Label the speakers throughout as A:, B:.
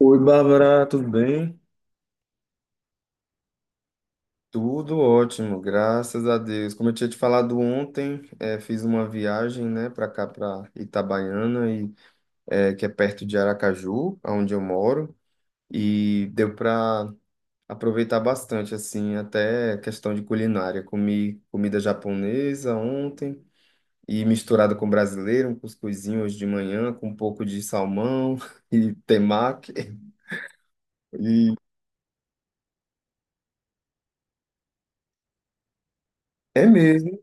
A: Oi, Bárbara, tudo bem? Tudo ótimo, graças a Deus. Como eu tinha te falado ontem, fiz uma viagem, né, para cá, para Itabaiana, e, que é perto de Aracaju, onde eu moro, e deu para aproveitar bastante, assim, até questão de culinária. Comi comida japonesa ontem, e misturada com brasileiro, um cuscuzinho hoje de manhã, com um pouco de salmão e temaki. E é mesmo.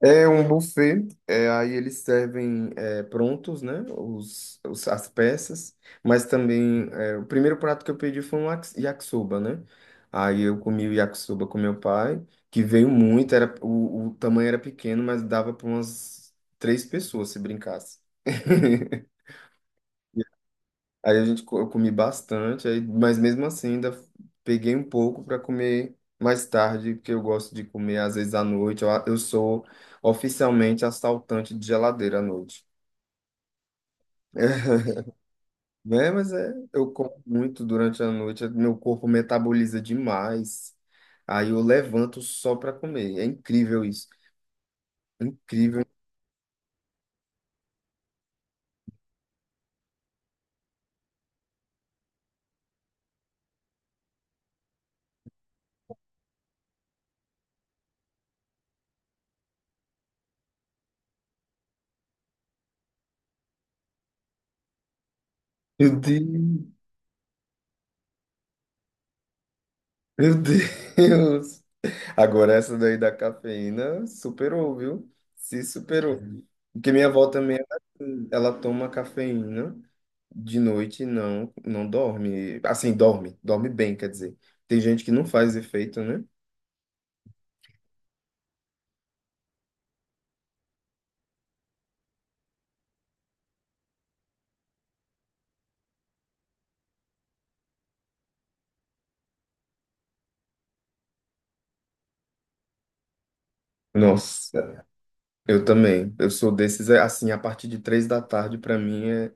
A: É um buffet, é, aí eles servem é, prontos, né? As peças, mas também é, o primeiro prato que eu pedi foi um yakisoba, né? Aí eu comi o yakisoba com meu pai, que veio muito, era, o tamanho era pequeno, mas dava para umas três pessoas se brincasse. Aí a gente, eu comi bastante, aí, mas mesmo assim ainda peguei um pouco para comer mais tarde, porque eu gosto de comer às vezes à noite. Eu, eu sou oficialmente assaltante de geladeira à noite. É, mas é, eu como muito durante a noite, meu corpo metaboliza demais. Aí eu levanto só para comer. É incrível isso. Incrível. Meu Deus, meu Deus. Agora essa daí da cafeína superou, viu? Se superou. Porque minha avó também, ela toma cafeína de noite e não dorme. Assim, dorme, dorme bem, quer dizer. Tem gente que não faz efeito, né? Nossa, eu também. Eu sou desses, é, assim, a partir de três da tarde, pra mim, é.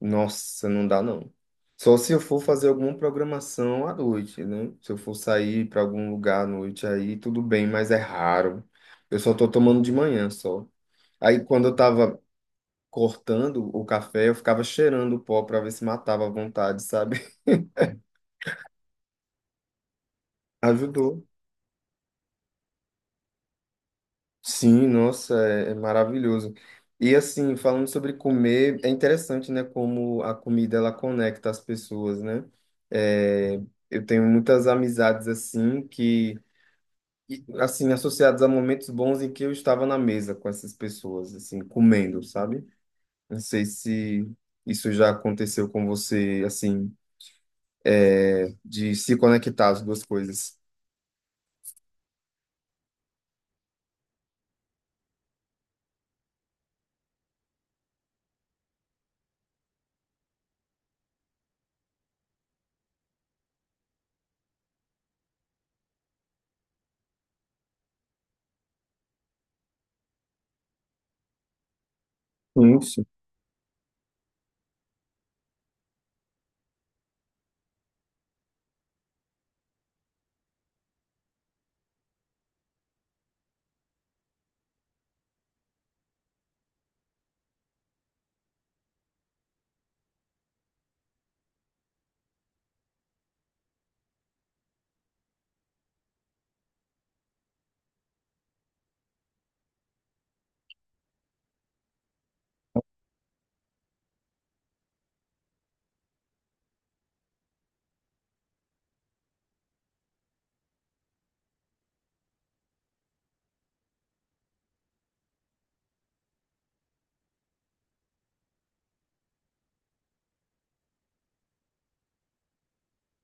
A: Nossa, não dá não. Só se eu for fazer alguma programação à noite, né? Se eu for sair para algum lugar à noite, aí tudo bem, mas é raro. Eu só tô tomando de manhã só. Aí quando eu tava cortando o café, eu ficava cheirando o pó para ver se matava à vontade, sabe? Ajudou. Sim, nossa, é, é maravilhoso. E assim, falando sobre comer, é interessante, né, como a comida ela conecta as pessoas, né? É, eu tenho muitas amizades assim que e, assim, associados a momentos bons em que eu estava na mesa com essas pessoas, assim, comendo, sabe? Não sei se isso já aconteceu com você, assim, de se conectar as duas coisas. Isso.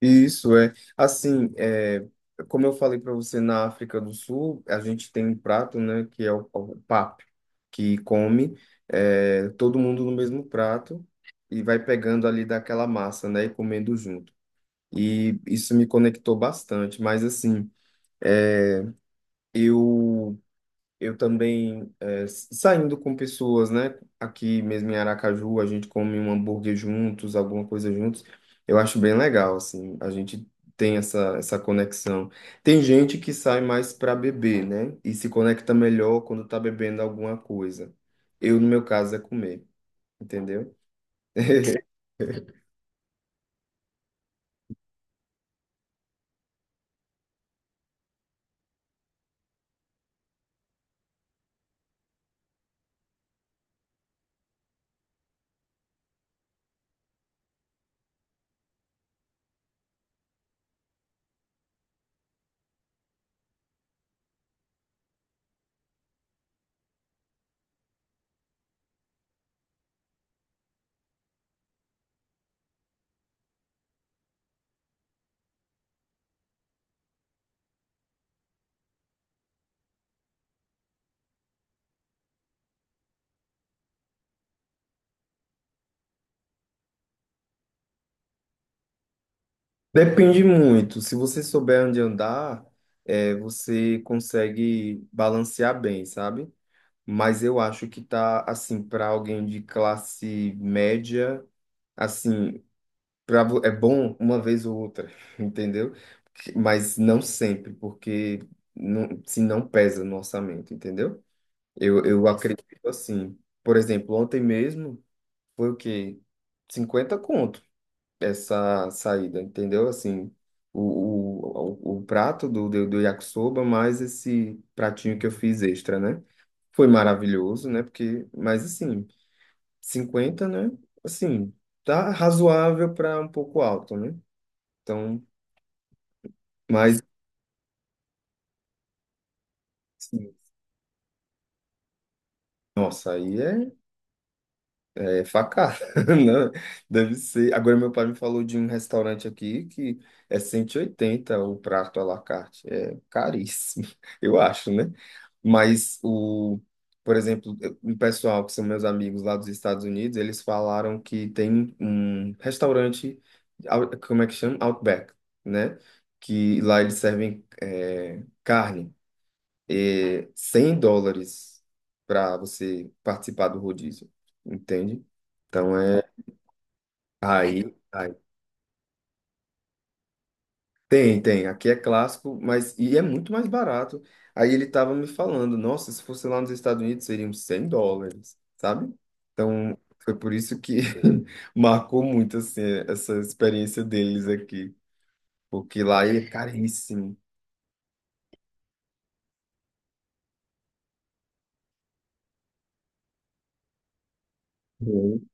A: Isso é, assim, é, como eu falei para você, na África do Sul, a gente tem um prato, né, que é o pap, que come é, todo mundo no mesmo prato e vai pegando ali daquela massa, né, e comendo junto. E isso me conectou bastante, mas assim, Eu, eu também, é, saindo com pessoas, né? Aqui mesmo em Aracaju, a gente come um hambúrguer juntos, alguma coisa juntos. Eu acho bem legal, assim, a gente tem essa, essa conexão. Tem gente que sai mais para beber, né? E se conecta melhor quando tá bebendo alguma coisa. Eu, no meu caso, é comer, entendeu? Depende muito. Se você souber onde andar, é, você consegue balancear bem, sabe? Mas eu acho que tá assim para alguém de classe média, assim, pra, é bom uma vez ou outra, entendeu? Mas não sempre, porque não, se não pesa no orçamento, entendeu? Eu acredito assim. Por exemplo, ontem mesmo foi o quê? 50 conto essa saída, entendeu? Assim, o, o prato do, do, do yakisoba mais esse pratinho que eu fiz extra, né? Foi maravilhoso, né? Porque, mas assim, cinquenta, né? Assim, tá razoável para um pouco alto, né? Então, mas, assim, nossa, aí é. É facada, né? Deve ser. Agora, meu pai me falou de um restaurante aqui que é 180 o prato à la carte. É caríssimo, eu acho, né? Mas, o, por exemplo, o pessoal que são meus amigos lá dos Estados Unidos, eles falaram que tem um restaurante, como é que chama? Outback, né? Que lá eles servem é, carne é, 100 dólares para você participar do rodízio, entende? Então é aí, aí aqui é clássico, mas e é muito mais barato. Aí ele tava me falando, nossa, se fosse lá nos Estados Unidos seriam US$ 100, sabe? Então foi por isso que marcou muito assim essa experiência deles aqui, porque lá ele é caríssimo. Uhum.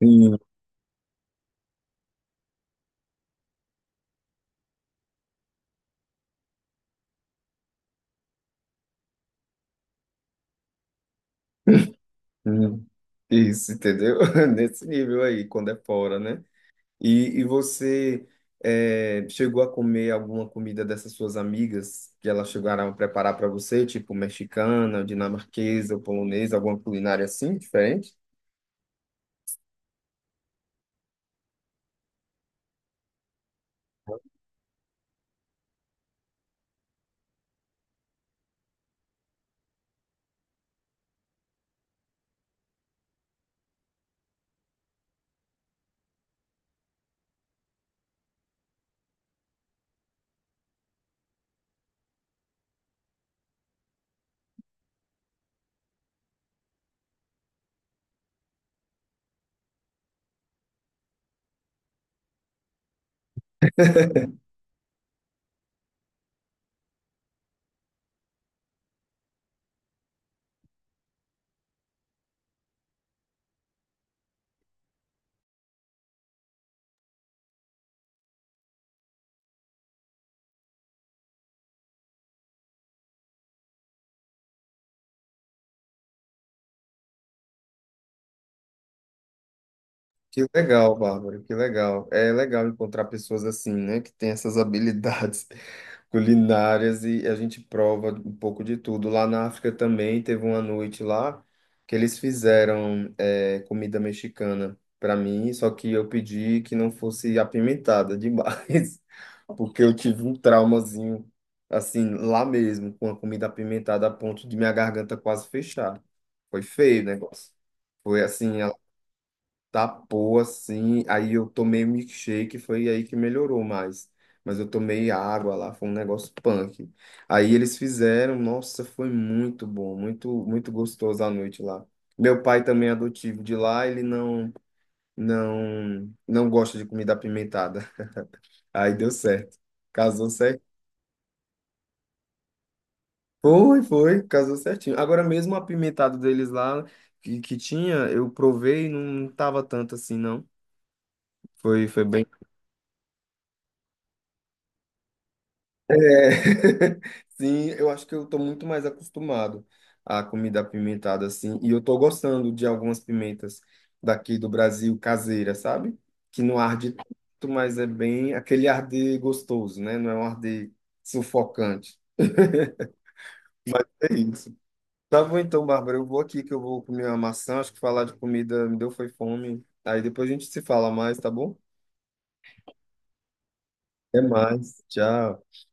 A: Hum, hum. Isso, entendeu? Nesse nível aí, quando é fora, né? E você chegou a comer alguma comida dessas suas amigas que elas chegaram a preparar para você, tipo mexicana, dinamarquesa, polonesa, alguma culinária assim, diferente? Que legal, Bárbara, que legal. É legal encontrar pessoas assim, né, que têm essas habilidades culinárias e a gente prova um pouco de tudo. Lá na África também teve uma noite lá que eles fizeram é, comida mexicana para mim, só que eu pedi que não fosse apimentada demais, porque eu tive um traumazinho assim lá mesmo com a comida apimentada a ponto de minha garganta quase fechar. Foi feio o negócio. Foi assim, tapou assim, aí eu tomei um milkshake, foi aí que melhorou mais. Mas eu tomei água lá, foi um negócio punk. Aí eles fizeram, nossa, foi muito bom, muito muito gostoso a noite lá. Meu pai também é adotivo de lá, ele não gosta de comida apimentada. Aí deu certo. Casou certo. Foi, foi, casou certinho. Agora mesmo o apimentado deles lá que tinha, eu provei e não tava tanto assim, não. Foi, foi bem. É, sim, eu acho que eu tô muito mais acostumado à comida apimentada, assim, e eu tô gostando de algumas pimentas daqui do Brasil, caseira, sabe? Que não arde tanto, mas é bem aquele arde gostoso, né? Não é um arde sufocante. É isso. Tá bom então, Bárbara, eu vou aqui que eu vou comer uma maçã, acho que falar de comida me deu foi fome. Aí depois a gente se fala mais, tá bom? Até mais, tchau.